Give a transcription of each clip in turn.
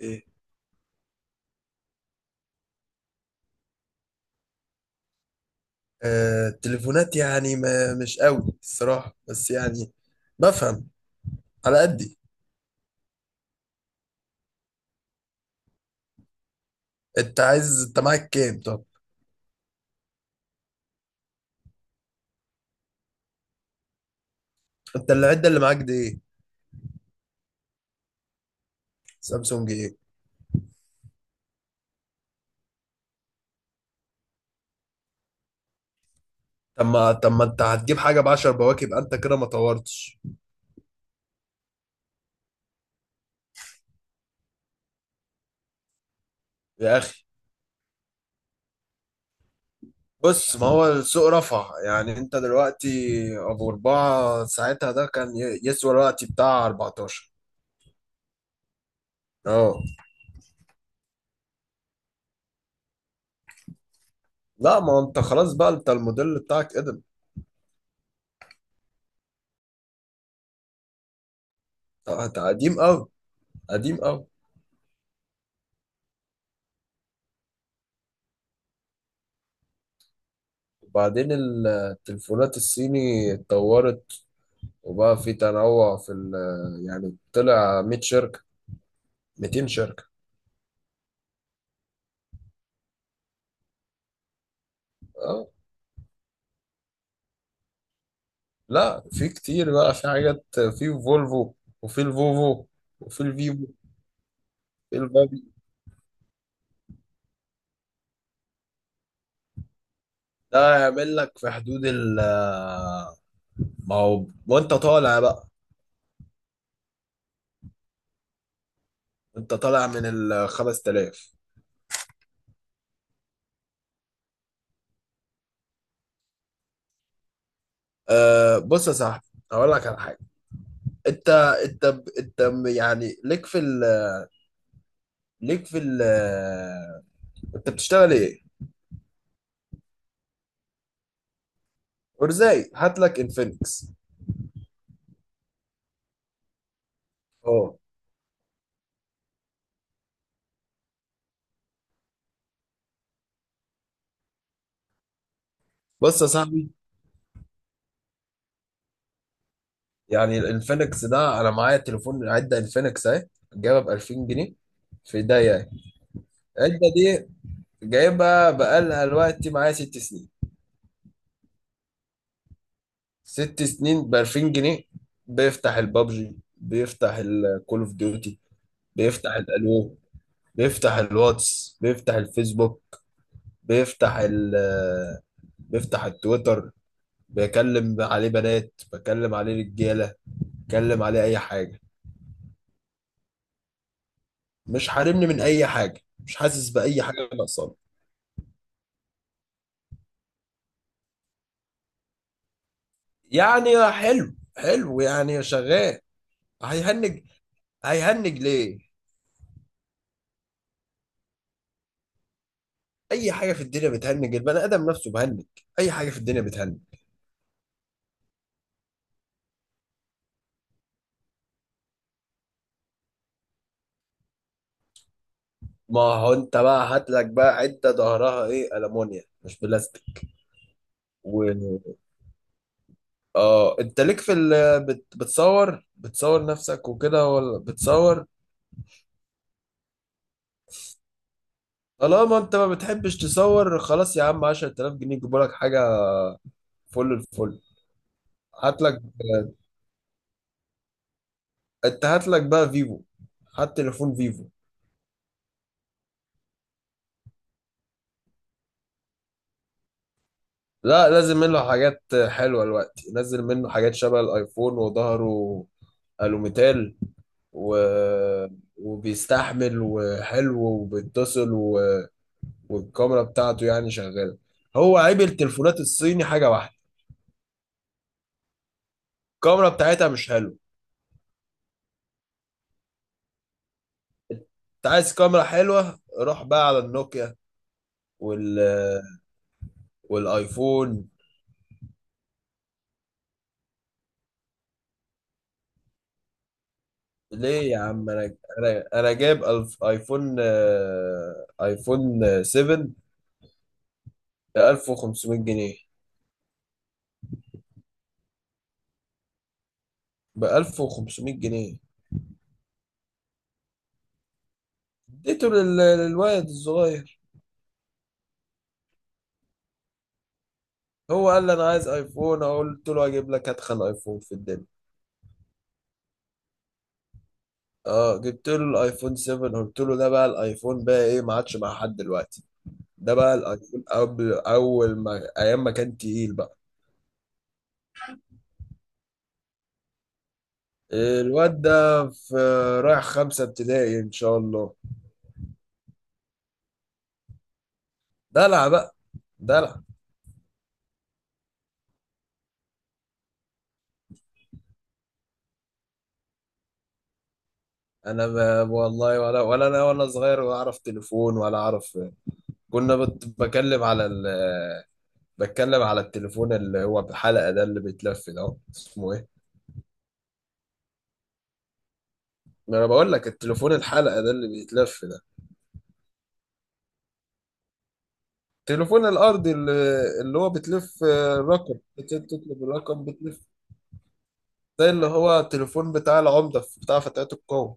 ايه. آه، التليفونات يعني ما مش قوي الصراحة، بس يعني بفهم على قدي. انت عايز، انت معاك كام؟ طب انت العدة اللي معاك دي ايه؟ سامسونج ايه؟ طب ما انت هتجيب حاجة بعشر بواكب، انت كده ما طورتش يا اخي. بص، ما هو السوق رفع، يعني انت دلوقتي ابو اربعة ساعتها ده كان يسوى الوقت بتاع 14. اه، لا ما انت خلاص بقى، انت الموديل بتاعك قدم. انت قديم قوي، قديم قوي. وبعدين التليفونات الصيني اتطورت وبقى في تنوع في ال يعني طلع 100 شركة، 200 شركة. اه، لا في كتير بقى، في حاجات، في فولفو، وفي الفوفو، وفي الفيفو، في البابي. ده يعمل لك في حدود ما هو وانت طالع بقى. انت طالع من ال 5000. أه، بص يا صاحبي، هقول لك على حاجة. انت انت انت يعني ليك في ال ليك في ال انت بتشتغل ايه؟ ورزاي هات لك انفينكس. اه، بص يا صاحبي، يعني الانفينكس ده انا معايا تليفون عده انفينكس اهي، جايبها ب 2000 جنيه، في ايديا يعني. العده دي جايبها بقالها دلوقتي معايا ست سنين. ست سنين ب 2000 جنيه، بيفتح البابجي، بيفتح الكول اوف ديوتي، بيفتح الالو، بيفتح الواتس، بيفتح الفيسبوك، بيفتح ال بيفتح التويتر، بيكلم عليه بنات، بكلم عليه رجاله، بكلم عليه اي حاجه. مش حارمني من اي حاجه، مش حاسس باي حاجه ناقصاني. يعني حلو حلو، يعني شغال. هيهنج؟ هيهنج ليه؟ اي حاجه في الدنيا بتهنج، البني ادم نفسه بهنج، اي حاجه في الدنيا بتهنج. ما هو انت بقى هات لك بقى عده ظهرها ايه، المونيا مش بلاستيك. و اه، انت ليك بت... بتصور بتصور نفسك وكده، ولا بتصور؟ طالما انت ما بتحبش تصور، خلاص يا عم، 10,000 جنيه يجيبوا لك حاجه فل الفل. هات لك انت هات لك بقى فيفو، هات تليفون فيفو. لا، لازم منه حاجات حلوة، الوقت نزل منه حاجات شبه الايفون، وظهره الوميتال، و... وبيستحمل، وحلو، وبيتصل، والكاميرا بتاعته يعني شغالة. هو عيب التليفونات الصيني حاجة واحدة، الكاميرا بتاعتها مش حلوة. انت عايز كاميرا حلوة روح بقى على النوكيا، وال... والايفون. ليه يا عم؟ انا جايب ألف ايفون، ايفون 7 ب 1500 جنيه، ب 1500 جنيه. اديته للواد الصغير. هو قال لي انا عايز ايفون، قلت له اجيب لك اتخن ايفون في الدنيا. اه، جبت له الايفون 7، قلت له ده بقى الايفون، بقى ايه، ما عادش مع حد دلوقتي. ده بقى الايفون قبل، اول ما ايام ما كان تقيل بقى. الواد ده رايح خمسة ابتدائي ان شاء الله. دلع بقى، دلع. انا، ما والله، ولا انا وانا صغير ولا اعرف تليفون ولا اعرف. كنا بت... بكلم على ال... بتكلم على التليفون اللي هو بحلقة ده، اللي بيتلف ده، اسمه ايه؟ ما انا بقول لك التليفون الحلقة ده، اللي بيتلف ده. التليفون الارضي اللي هو بتلف الرقم، بتطلب الرقم، بتلف. ده اللي هو التليفون بتاع العمدة، بتاع فتيات القوة.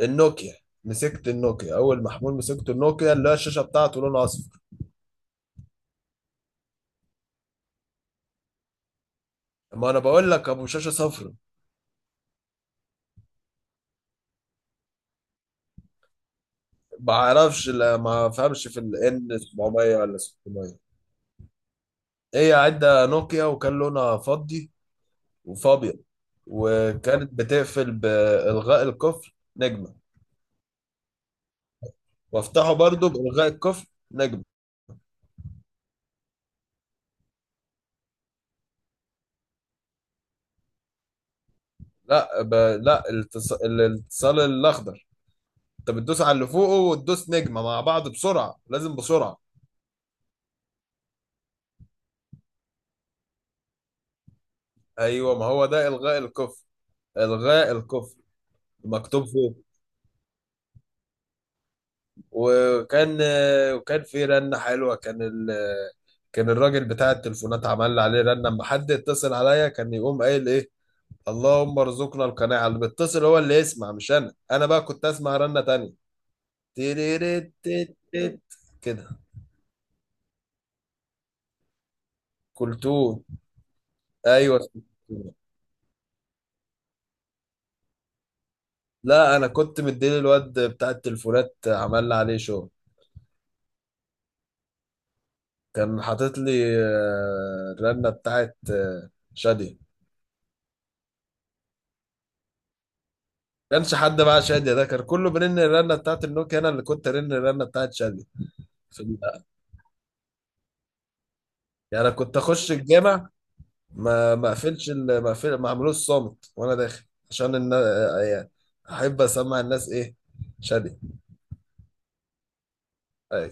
النوكيا، مسكت النوكيا، اول محمول مسكت النوكيا، اللي هي الشاشة بتاعته لونها اصفر. ما انا بقول لك ابو شاشة صفرا. بعرفش، لا ما فهمش في ال N 700 ولا 600. هي عدة نوكيا وكان لونها فضي وفابيض، وكانت بتقفل بإلغاء القفل نجمة، وافتحه برضو بإلغاء القفل نجمة. لا الاتصال الأخضر، انت بتدوس على اللي فوقه وتدوس نجمة مع بعض بسرعة، لازم بسرعة. ايوه، ما هو ده إلغاء القفل، إلغاء القفل مكتوب فوق. وكان وكان في رنة حلوة، كان الراجل بتاع التليفونات عمل لي عليه رنة، اما حد يتصل عليا كان يقوم قايل ايه، اللهم ارزقنا القناعة. اللي بيتصل هو اللي يسمع، مش انا، انا بقى كنت اسمع رنة تانية. تيريريت تيت تيت. كده. كلتوه. ايوه، اسمه كلثوم. لا، انا كنت مديني الواد بتاع التليفونات عمل لي عليه شغل، كان حاطط لي الرنة بتاعت شادية. كانش حد معاه شادية، ده كان كله بيرن الرنة بتاعت النوكيا، انا اللي كنت ارن الرنة بتاعت شادية. في ال- يعني انا كنت اخش الجامع ما ما اقفلش ال- ما اقفل ما اعملوش صامت وانا داخل، عشان ان يعني احب اسمع الناس ايه، شادية. اي.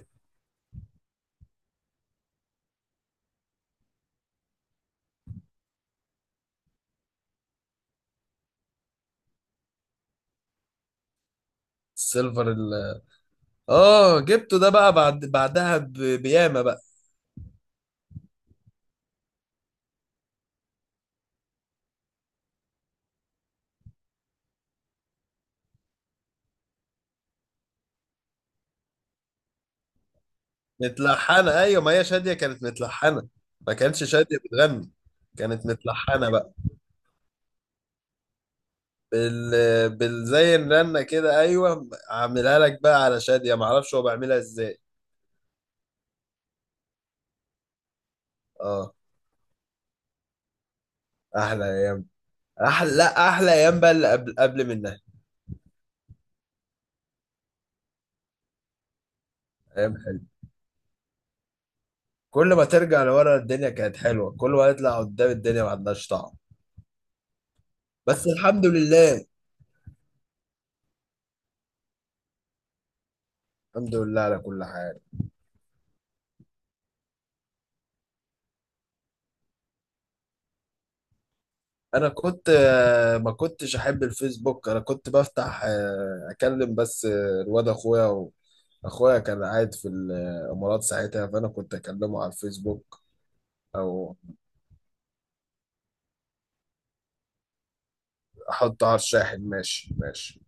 السيلفر ال... اه، جبته ده بقى بعد، بياما بقى. متلحنة، ايوه، ما هي شادية كانت متلحنة، ما كانتش شادية بتغني، كانت متلحنة بقى. بال... زي الرنة كده، ايوه، عاملها لك بقى على شادية، معرفش هو بيعملها ازاي. اه. احلى ايام. احلى، لا احلى ايام بقى اللي قبل منها. ايام حلوه، كل ما ترجع لورا الدنيا كانت حلوه، كل ما يطلع قدام الدنيا ما عندهاش طعم. بس الحمد لله. الحمد لله على كل حال. انا كنت، ما كنتش احب الفيسبوك، انا كنت بفتح آه، اكلم بس الواد اخويا، اخويا كان قاعد في الامارات ساعتها، فانا كنت اكلمه على الفيسبوك. او احطه على الشاحن، ماشي ماشي.